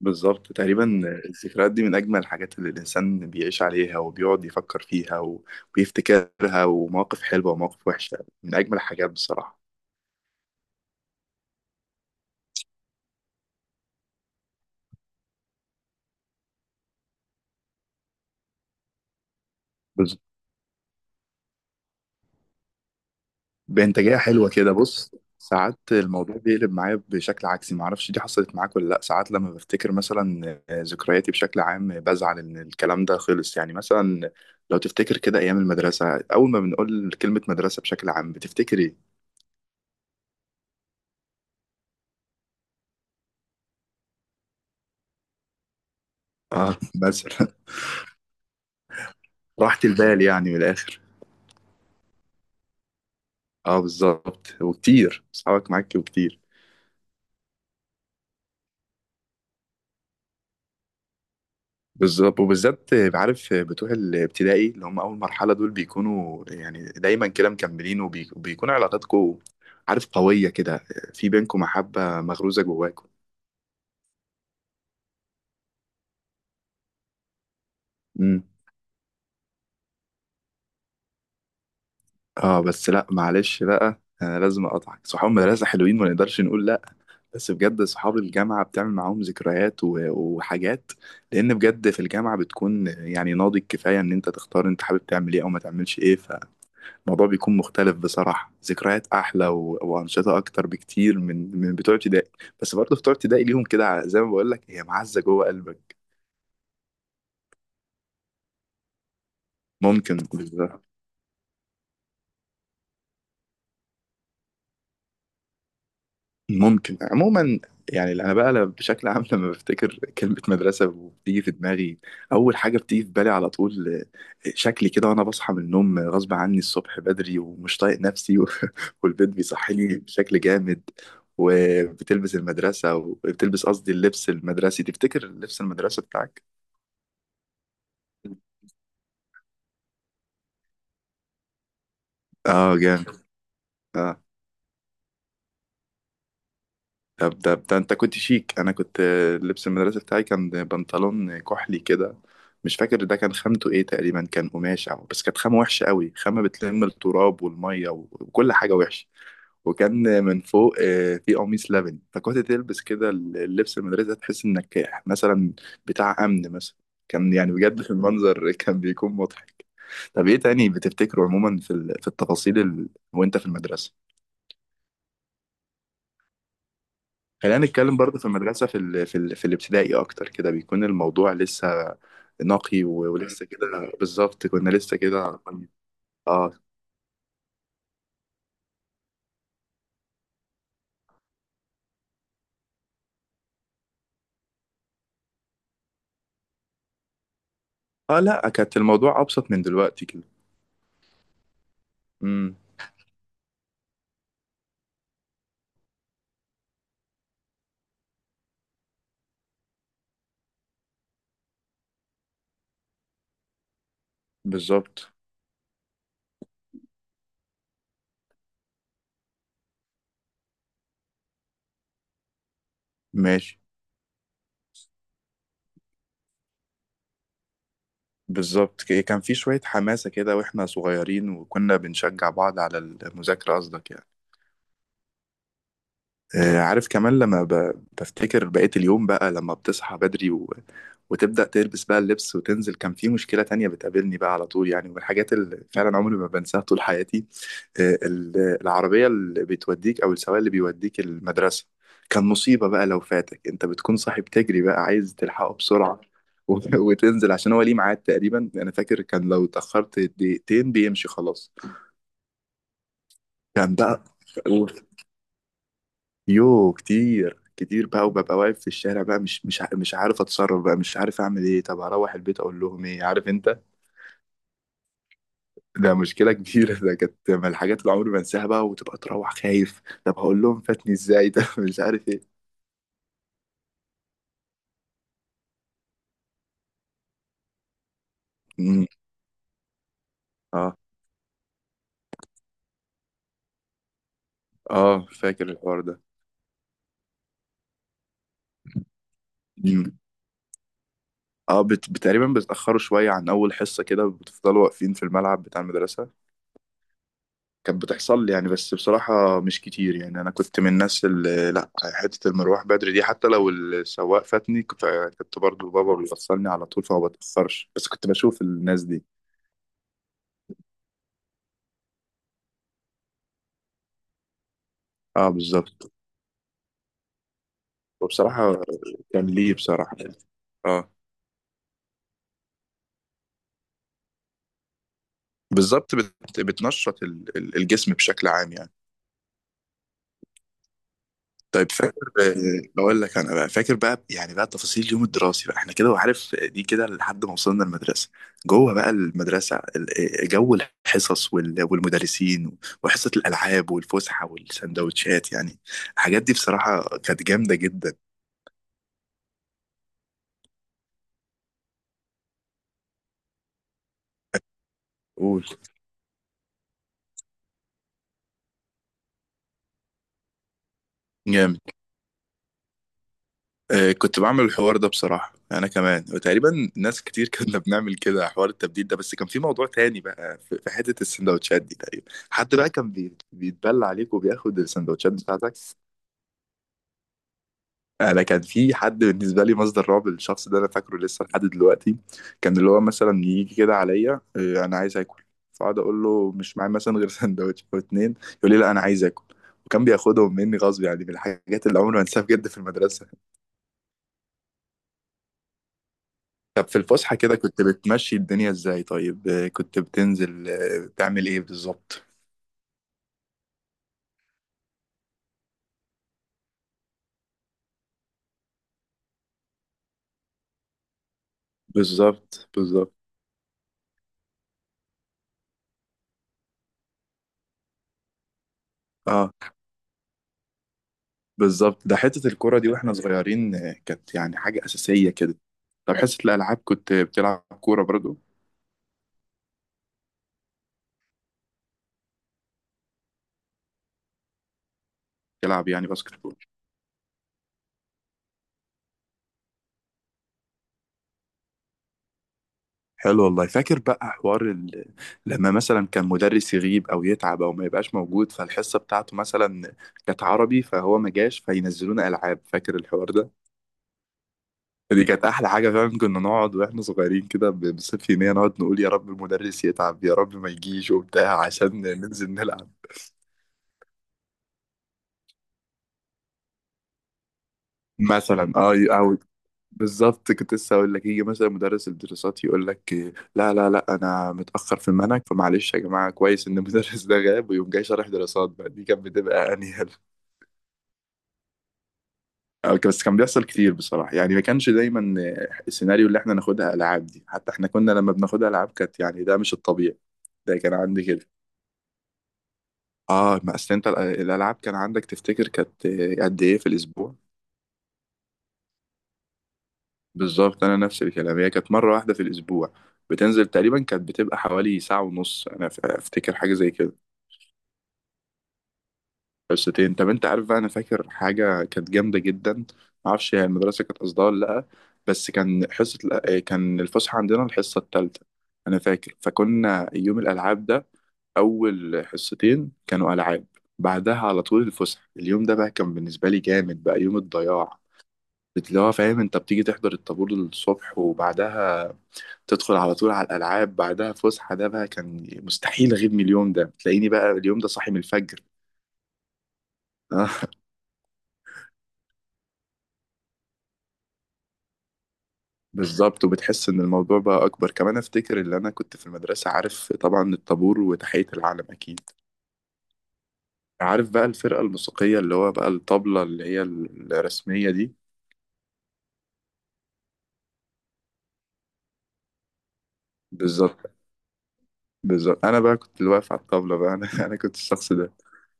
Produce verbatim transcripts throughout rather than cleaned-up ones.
بالظبط تقريبا. الذكريات دي من أجمل الحاجات اللي الإنسان بيعيش عليها وبيقعد يفكر فيها و... ويفتكرها، ومواقف حلوة ومواقف وحشة، من أجمل الحاجات بصراحة. بز- بإنتاجية حلوة كده، بص. ساعات الموضوع بيقلب معايا بشكل عكسي، معرفش دي حصلت معاك ولا لأ. ساعات لما بفتكر مثلا ذكرياتي بشكل عام بزعل إن الكلام ده خلص، يعني مثلا لو تفتكر كده أيام المدرسة، أول ما بنقول كلمة مدرسة بشكل عام بتفتكر إيه؟ اه مثلا. راحة البال يعني من الآخر. اه بالظبط، وكتير اصحابك معاك وكتير. بالظبط، وبالذات عارف بتوع الابتدائي اللي هم اول مرحله، دول بيكونوا يعني دايما كده مكملين، وبي- وبيكون علاقاتكم عارف قويه كده، في بينكم محبه مغروزه جواكم. امم. اه بس لا، معلش بقى انا لازم اقطعك، صحاب المدرسه حلوين ما نقدرش نقول لا، بس بجد صحاب الجامعه بتعمل معاهم ذكريات و- وحاجات، لان بجد في الجامعه بتكون يعني ناضج كفايه ان انت تختار انت حابب تعمل ايه او ما تعملش ايه، الموضوع بيكون مختلف بصراحة، ذكريات أحلى و... وأنشطة أكتر بكتير من من بتوع ابتدائي، بس برضه بتوع ابتدائي ليهم كده، ع- زي ما بقول لك، هي معزة جوه قلبك. ممكن. ممكن عموما. يعني انا بقى ل- بشكل عام لما بفتكر كلمه مدرسه وبتيجي في دماغي، اول حاجه بتيجي في بالي على طول آه، شكلي كده وانا بصحى من النوم آه، غصب عني الصبح بدري ومش طايق نفسي و- والبيت بيصحيني بشكل جامد، وبتلبس المدرسه وبتلبس، قصدي اللبس المدرسي، تفتكر لبس المدرسه بتاعك؟ اه جامد. اه. طب ده, ده انت كنت شيك، انا كنت آه، لبس المدرسه بتاعي كان بنطلون كحلي كده، مش فاكر ده كان خامته ايه، تقريبا كان قماش او بس كانت خامه وحشه قوي، خامه بتلم التراب والميه و- وكل حاجه وحشه، وكان من فوق آه، في قميص لبني، فكنت تلبس كده اللبس المدرسه تحس انك مثلا بتاع امن مثلا، كان يعني بجد في المنظر كان بيكون مضحك. طب ايه تاني بتفتكره عموما في ال- في التفاصيل، ال... وانت في المدرسه؟ خلينا نتكلم برضه في المدرسة في ال... في ال... في الابتدائي أكتر كده، بيكون الموضوع لسه نقي و... ولسه كده بالظبط، كنا لسه كده عارفين. اه. اه لا، كانت الموضوع أبسط من دلوقتي كده. امم. بالظبط. ماشي. بالظبط، ك- كان في شوية حماسة كده واحنا صغيرين، وكنا بنشجع بعض على المذاكرة قصدك يعني. آه، عارف كمان لما ب- بفتكر بقية اليوم بقى، لما بتصحى بدري و... وتبدأ تلبس بقى اللبس وتنزل، كان في مشكلة تانية بتقابلني بقى على طول، يعني من الحاجات اللي فعلا عمري ما بنساها طول حياتي، آه، ال- العربية اللي بتوديك أو السواق اللي بيوديك المدرسة، كان مصيبة بقى لو فاتك، أنت بتكون صاحي بتجري بقى عايز تلحقه بسرعة و... وتنزل عشان هو ليه ميعاد، تقريبا أنا فاكر كان لو اتأخرت دقيقتين بيمشي خلاص. كان بقى يو كتير كتير بقى، وببقى واقف في الشارع بقى، مش مش ع- مش عارف اتصرف بقى، مش عارف اعمل ايه، طب اروح البيت اقول لهم ايه، عارف انت، ده مشكله كبيره، ده كانت من الحاجات اللي عمري ما انساها بقى، وتبقى تروح خايف، طب هقول لهم فاتني ازاي ده مش عارف ايه. مم. اه. اه فاكر الحوار ده. مم. اه بت... تقريبا بتاخروا شويه عن اول حصه كده، بتفضلوا واقفين في الملعب بتاع المدرسه، كانت بتحصل لي يعني، بس بصراحة مش كتير، يعني أنا كنت من الناس اللي لأ، حتة المروح بدري دي حتى لو السواق فاتني كنت كنت برضه بابا بيوصلني على طول فما بتأخرش، بس كنت بشوف الناس دي. اه بالظبط. وبصراحة كان ليه بصراحة. اه. بالظبط بت... بتنشط ال- ال- الجسم بشكل عام يعني. طيب فاكر آه، بقول لك انا بقى فاكر بقى، يعني بقى تفاصيل اليوم الدراسي بقى احنا كده، وعارف آه، دي كده لحد ما وصلنا المدرسه، جوه بقى المدرسه ال- آه، جو الحصص وال- والمدرسين وحصه الالعاب والفسحه والسندوتشات يعني، الحاجات دي بصراحه كانت جامده جدا. قول. جامد، آه كنت بعمل الحوار ده بصراحه انا كمان، وتقريبا ناس كتير كنا بنعمل كده حوار التبديل ده، بس كان في موضوع تاني بقى في في حته السندوتشات دي، تقريبا حد بقى كان بي- بيتبلى عليك وبياخد السندوتشات بتاعتك. انا كان في حد بالنسبه لي مصدر رعب، الشخص ده انا فاكره لسه لحد دلوقتي، كان اللي هو مثلا يجي كده عليا آه، انا عايز اكل، فاقعد اقول له مش معايا مثلا غير سندوتش او اتنين، يقول لي لا انا عايز اكل، وكان بياخدهم مني غصب، يعني من الحاجات اللي عمري ما انساها بجد في المدرسه. طب في الفسحه كده كنت بتمشي الدنيا ازاي؟ طيب آه، كنت بتنزل آه، بتعمل ايه بالظبط؟ بالظبط بالظبط. اه بالظبط، ده حته الكوره دي واحنا صغيرين آه، كانت يعني حاجه اساسيه كده. طب حصه الالعاب كنت بتلعب كوره برضو؟ يلعب يعني باسكت بول. حلو والله، فاكر بقى حوار ال... لما مثلا كان مدرس يغيب او يتعب او ما يبقاش موجود، فالحصه بتاعته مثلا كانت عربي فهو ما جاش فينزلونا العاب، فاكر الحوار ده؟ دي كانت احلى حاجه فعلا، كنا نقعد واحنا صغيرين كده ب- بصفة يوميه نقعد نقول يا رب المدرس يتعب يا رب ما يجيش وبتاع عشان ننزل نلعب. مثلا اه او. بالظبط، كنت لسه اقول لك يجي مثلا مدرس الدراسات يقول لك لا لا لا انا متاخر في المنهج، فمعلش يا جماعه، كويس ان المدرس ده غاب ويقوم جاي شارح دراسات بقى، دي كانت بتبقى انيل. أو ك- بس كان بيحصل كتير بصراحه يعني، ما كانش دايما السيناريو اللي احنا ناخدها العاب دي، حتى احنا كنا لما بناخدها العاب كانت يعني ده مش الطبيعي، ده كان عندي كده. اه، ما اصل انت ال- الالعاب كان عندك تفتكر كانت قد ايه في الاسبوع؟ بالظبط، انا نفس الكلام، هي كانت مره واحده في الاسبوع، بتنزل تقريبا كانت بتبقى حوالي ساعه ونص، انا ف- افتكر حاجه زي كده. حصتين. طب انت عارف بقى، انا فاكر حاجه كانت جامده جدا، معرفش هي المدرسه كانت قصدها ولا لا، بس كان حصه الأ- كان الفسحه عندنا الحصه الثالثه انا فاكر، فكنا يوم الالعاب ده اول حصتين كانوا العاب، بعدها على طول الفسحه، اليوم ده بقى كان بالنسبه لي جامد بقى، يوم الضياع، اللي هو فاهم انت بتيجي تحضر الطابور الصبح وبعدها تدخل على طول على الألعاب بعدها فسحة، ده بقى كان مستحيل أغيب من اليوم ده، تلاقيني بقى اليوم ده صاحي من الفجر. آه. بالظبط، وبتحس إن الموضوع بقى أكبر كمان، أفتكر إن أنا كنت في المدرسة عارف طبعا الطابور وتحية العلم أكيد، عارف بقى الفرقة الموسيقية اللي هو بقى الطبلة اللي هي الرسمية دي. بالظبط بالظبط، أنا بقى كنت اللي واقف على الطبلة بقى، أنا أنا كنت الشخص ده،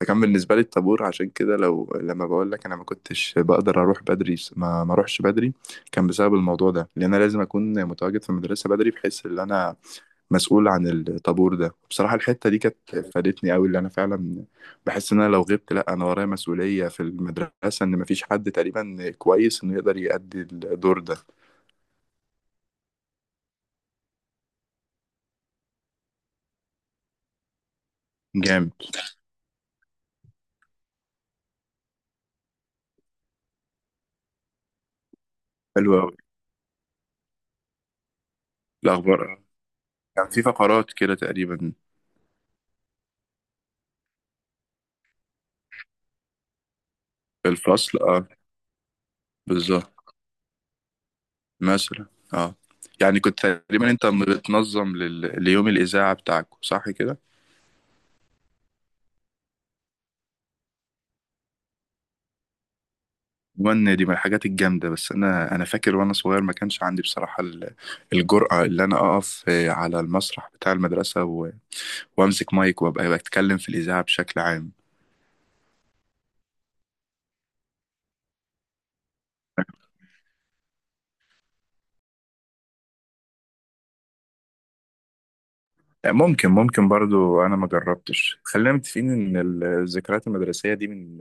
ده كان بالنسبة لي الطابور، عشان كده لو لما بقول لك انا ما كنتش بقدر اروح بدري، ما ما اروحش بدري كان بسبب الموضوع ده، لان انا لازم اكون متواجد في المدرسة بدري بحيث ان انا مسؤول عن الطابور ده، بصراحة الحتة دي كانت فادتني قوي، اللي انا فعلا بحس ان انا لو غبت، لا انا ورايا مسؤولية في المدرسة، ان ما فيش حد تقريبا كويس انه يقدر يأدي الدور ده. جامد. حلو قوي. الاخبار. آه. كان في فقرات كده تقريبا. في الفصل اه. بالظبط. مثلا. اه. يعني كنت تقريبا انت بتنظم لل... ليوم الاذاعه بتاعك صح كده؟ وان دي من الحاجات الجامده، بس انا انا فاكر وانا صغير ما كانش عندي بصراحه ال- الجرأه اللي انا اقف آه، على المسرح بتاع المدرسه و... وامسك مايك وابقى بتكلم في الاذاعه بشكل عام. آه، ممكن ممكن برضو، انا ما جربتش، خلينا متفقين ان ال- الذكريات المدرسيه دي من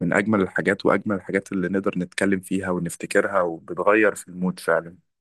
من اجمل الحاجات، واجمل الحاجات اللي نقدر نتكلم فيها ونفتكرها وبتغير في المود فعلا.